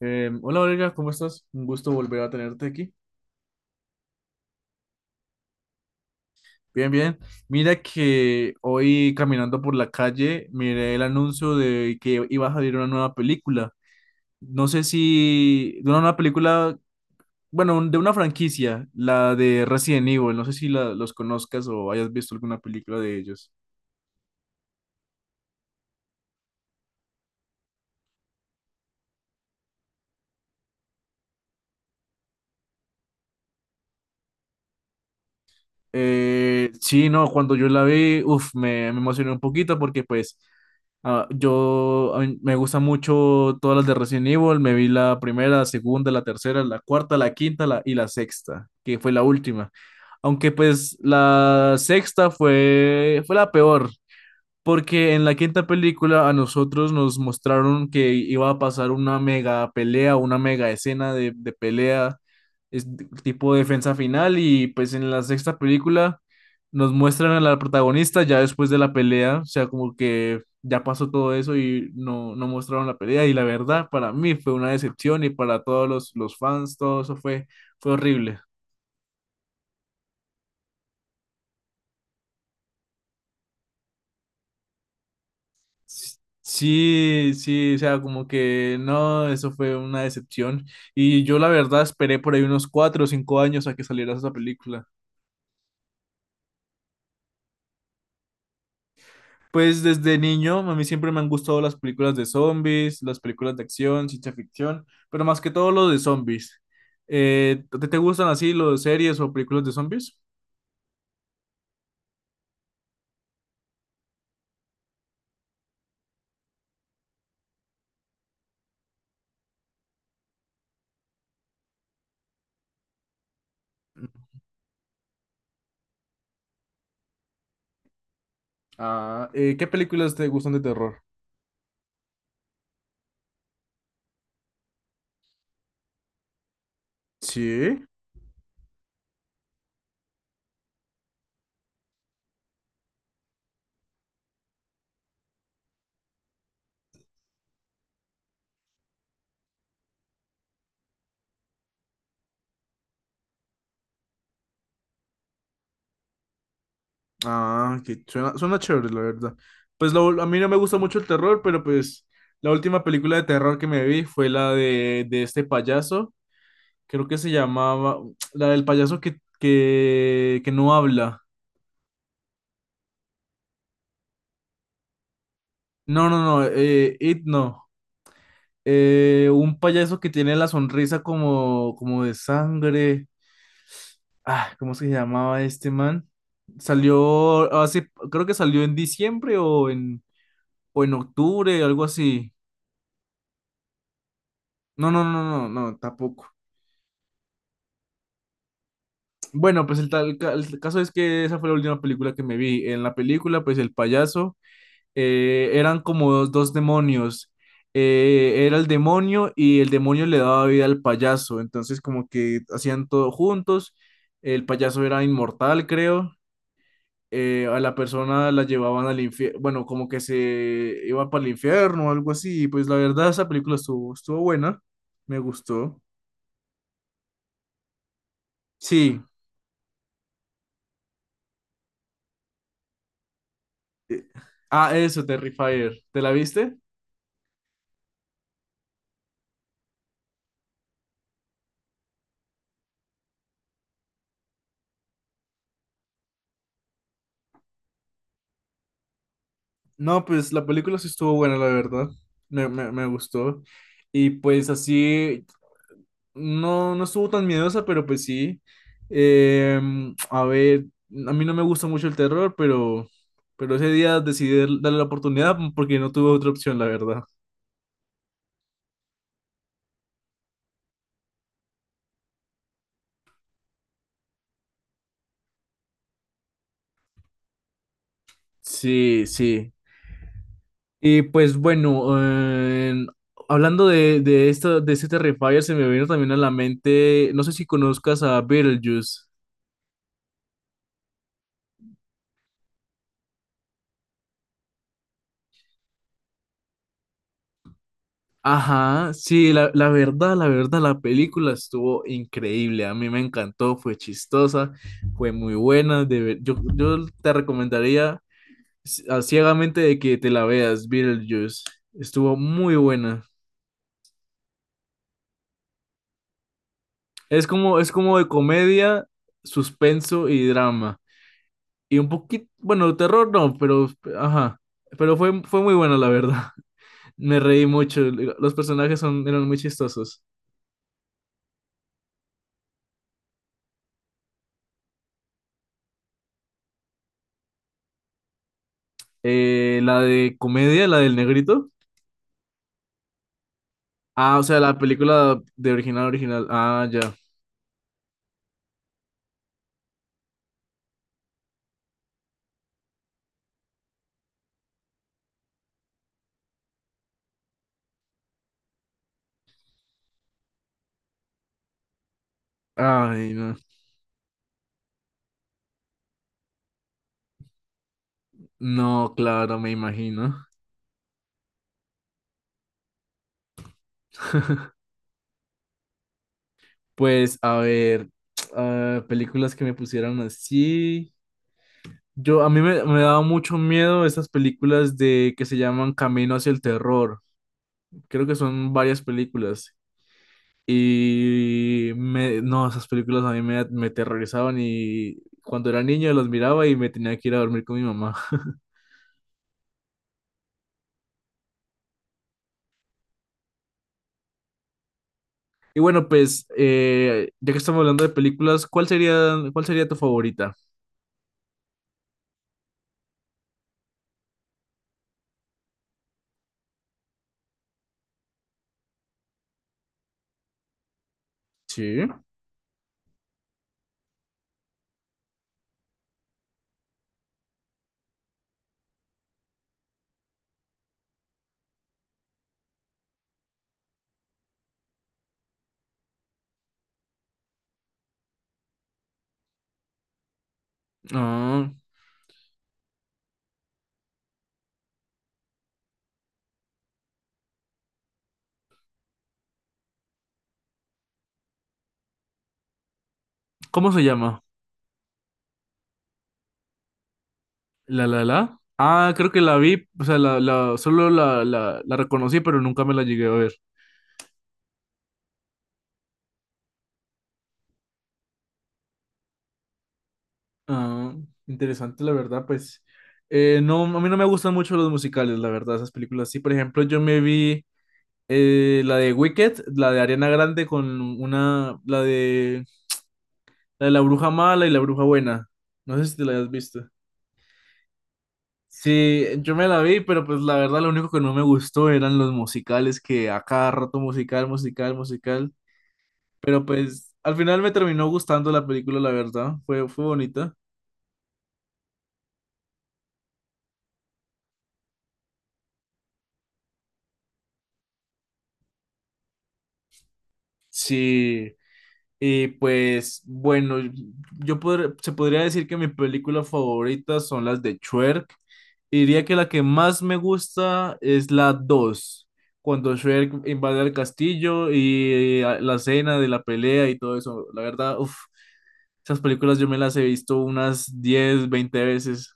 Hola Olga, ¿cómo estás? Un gusto volver a tenerte aquí. Bien, bien. Mira que hoy caminando por la calle miré el anuncio de que iba a salir una nueva película. No sé si de una nueva película, bueno, de una franquicia, la de Resident Evil. No sé si los conozcas o hayas visto alguna película de ellos. Sí, no, cuando yo la vi, uf, me emocioné un poquito porque pues yo a mí me gusta mucho todas las de Resident Evil, me vi la primera, la segunda, la tercera, la cuarta, la quinta y la sexta, que fue la última. Aunque pues la sexta fue la peor, porque en la quinta película a nosotros nos mostraron que iba a pasar una mega pelea, una mega escena de pelea, es- tipo defensa final, y pues en la sexta película nos muestran a la protagonista ya después de la pelea, o sea, como que ya pasó todo eso y no mostraron la pelea, y la verdad para mí fue una decepción y para todos los fans, todo eso fue horrible. Sí, sí, o sea, como que no, eso fue una decepción. Y yo la verdad esperé por ahí unos 4 o 5 años a que saliera esa película. Pues desde niño a mí siempre me han gustado las películas de zombies, las películas de acción, ciencia ficción, pero más que todo lo de zombies. ¿Te gustan así los series o películas de zombies? ¿Qué películas te gustan de terror? Sí. Que suena chévere, la verdad. Pues a mí no me gusta mucho el terror, pero pues la última película de terror que me vi fue la de este payaso, creo que se llamaba, la del payaso que no habla. No, no, no, It no. Un payaso que tiene la sonrisa como de sangre. Ah, ¿cómo se llamaba este man? Salió hace, creo que salió en diciembre o o en octubre, algo así. No, no, no, no, no, tampoco. Bueno, pues el caso es que esa fue la última película que me vi. En la película, pues el payaso eran como dos demonios. Era el demonio y el demonio le daba vida al payaso. Entonces, como que hacían todo juntos. El payaso era inmortal, creo. A la persona la llevaban al infierno. Bueno, como que se iba para el infierno o algo así. Y pues la verdad, esa película estuvo buena. Me gustó. Sí. Ah, eso, Terrifier. ¿Te la viste? No, pues la película sí estuvo buena, la verdad. Me gustó. Y pues así, no estuvo tan miedosa, pero pues sí. A ver, a mí no me gusta mucho el terror, pero ese día decidí darle la oportunidad porque no tuve otra opción, la verdad. Sí, sí. Y pues bueno, em, hablando de esto, de este Terrifier, se me vino también a la mente, no sé si conozcas a Beetlejuice. Ajá, sí, la verdad, la película estuvo increíble, a mí me encantó, fue chistosa, fue muy buena, yo te recomendaría ciegamente de que te la veas, Beetlejuice, estuvo muy buena, es como de comedia, suspenso y drama, y un poquito, bueno, terror no, pero, ajá, fue muy buena la verdad, me reí mucho, los personajes eran muy chistosos. La de comedia, la del negrito. Ah, o sea, la película de original, original. Ah, ya. Ay, no. No, claro, me imagino. Pues, a ver, películas que me pusieran así. A mí me daba mucho miedo esas películas de que se llaman Camino hacia el terror. Creo que son varias películas. Y me, no, Esas películas a mí me aterrorizaban y cuando era niño las miraba y me tenía que ir a dormir con mi mamá. Y bueno, pues, ya que estamos hablando de películas, ¿cuál sería tu favorita? Sí. Ah, ¿cómo se llama? La La La. Ah, creo que la vi, o sea, solo la reconocí, pero nunca me la llegué a ver. Ah, interesante, la verdad, pues. No, a mí no me gustan mucho los musicales, la verdad, esas películas. Sí, por ejemplo, yo me vi la de Wicked, la de Ariana Grande la de la bruja mala y la bruja buena. No sé si te la has visto. Sí, yo me la vi, pero pues la verdad lo único que no me gustó eran los musicales, que a cada rato musical, musical, musical. Pero pues al final me terminó gustando la película, la verdad. Fue bonita. Sí. Y pues bueno, se podría decir que mis películas favoritas son las de Shrek. Y diría que la que más me gusta es la 2 cuando Shrek invade el castillo y la escena de la pelea y todo eso. La verdad, uff, esas películas yo me las he visto unas 10 20 veces.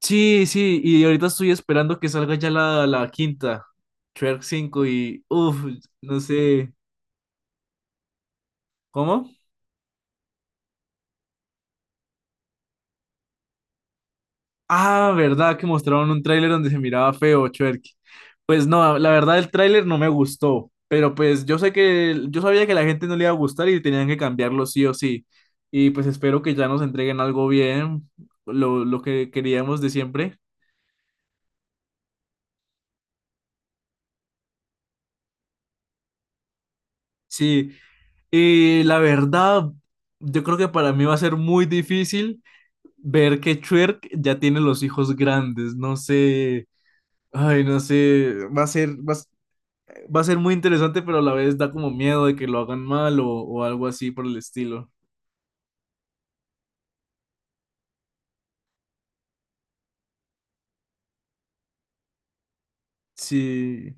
Sí, sí, y ahorita estoy esperando que salga ya la quinta, Shrek 5 y uff, no sé, ¿cómo? Ah, verdad que mostraron un tráiler donde se miraba feo, Chuerk. Pues no, la verdad el tráiler no me gustó, pero pues yo sé que yo sabía que a la gente no le iba a gustar y tenían que cambiarlo sí o sí. Y pues espero que ya nos entreguen algo bien, lo que queríamos de siempre. Sí, y la verdad, yo creo que para mí va a ser muy difícil ver que Chuerk ya tiene los hijos grandes, no sé. Ay, no sé, va a ser muy interesante, pero a la vez da como miedo de que lo hagan mal o algo así por el estilo. Sí.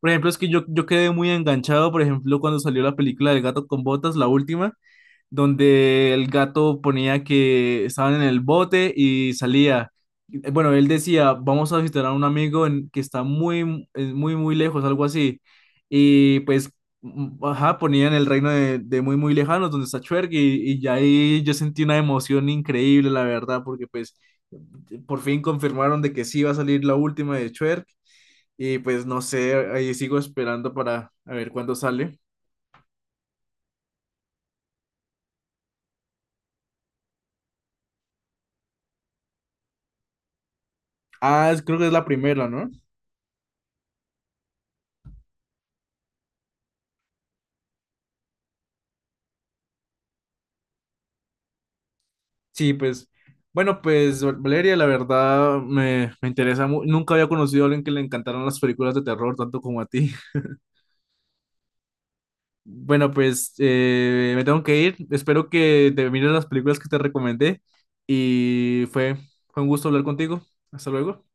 Por ejemplo, es que yo quedé muy enganchado, por ejemplo, cuando salió la película del gato con botas, la última, donde el gato ponía que estaban en el bote y salía. Bueno, él decía, vamos a visitar a un amigo que está muy, muy, muy lejos, algo así. Y pues, ajá, ponía en el reino de muy, muy lejanos, donde está Chuerg, y ya ahí yo sentí una emoción increíble, la verdad, porque pues por fin confirmaron de que sí iba a salir la última de Chuerg. Y pues no sé, ahí sigo esperando para a ver cuándo sale. Ah, creo que es la primera, ¿no? Sí, pues, bueno, pues Valeria, la verdad me interesa mucho. Nunca había conocido a alguien que le encantaran las películas de terror tanto como a ti. Bueno, pues me tengo que ir. Espero que te mires las películas que te recomendé y fue un gusto hablar contigo. Hasta luego.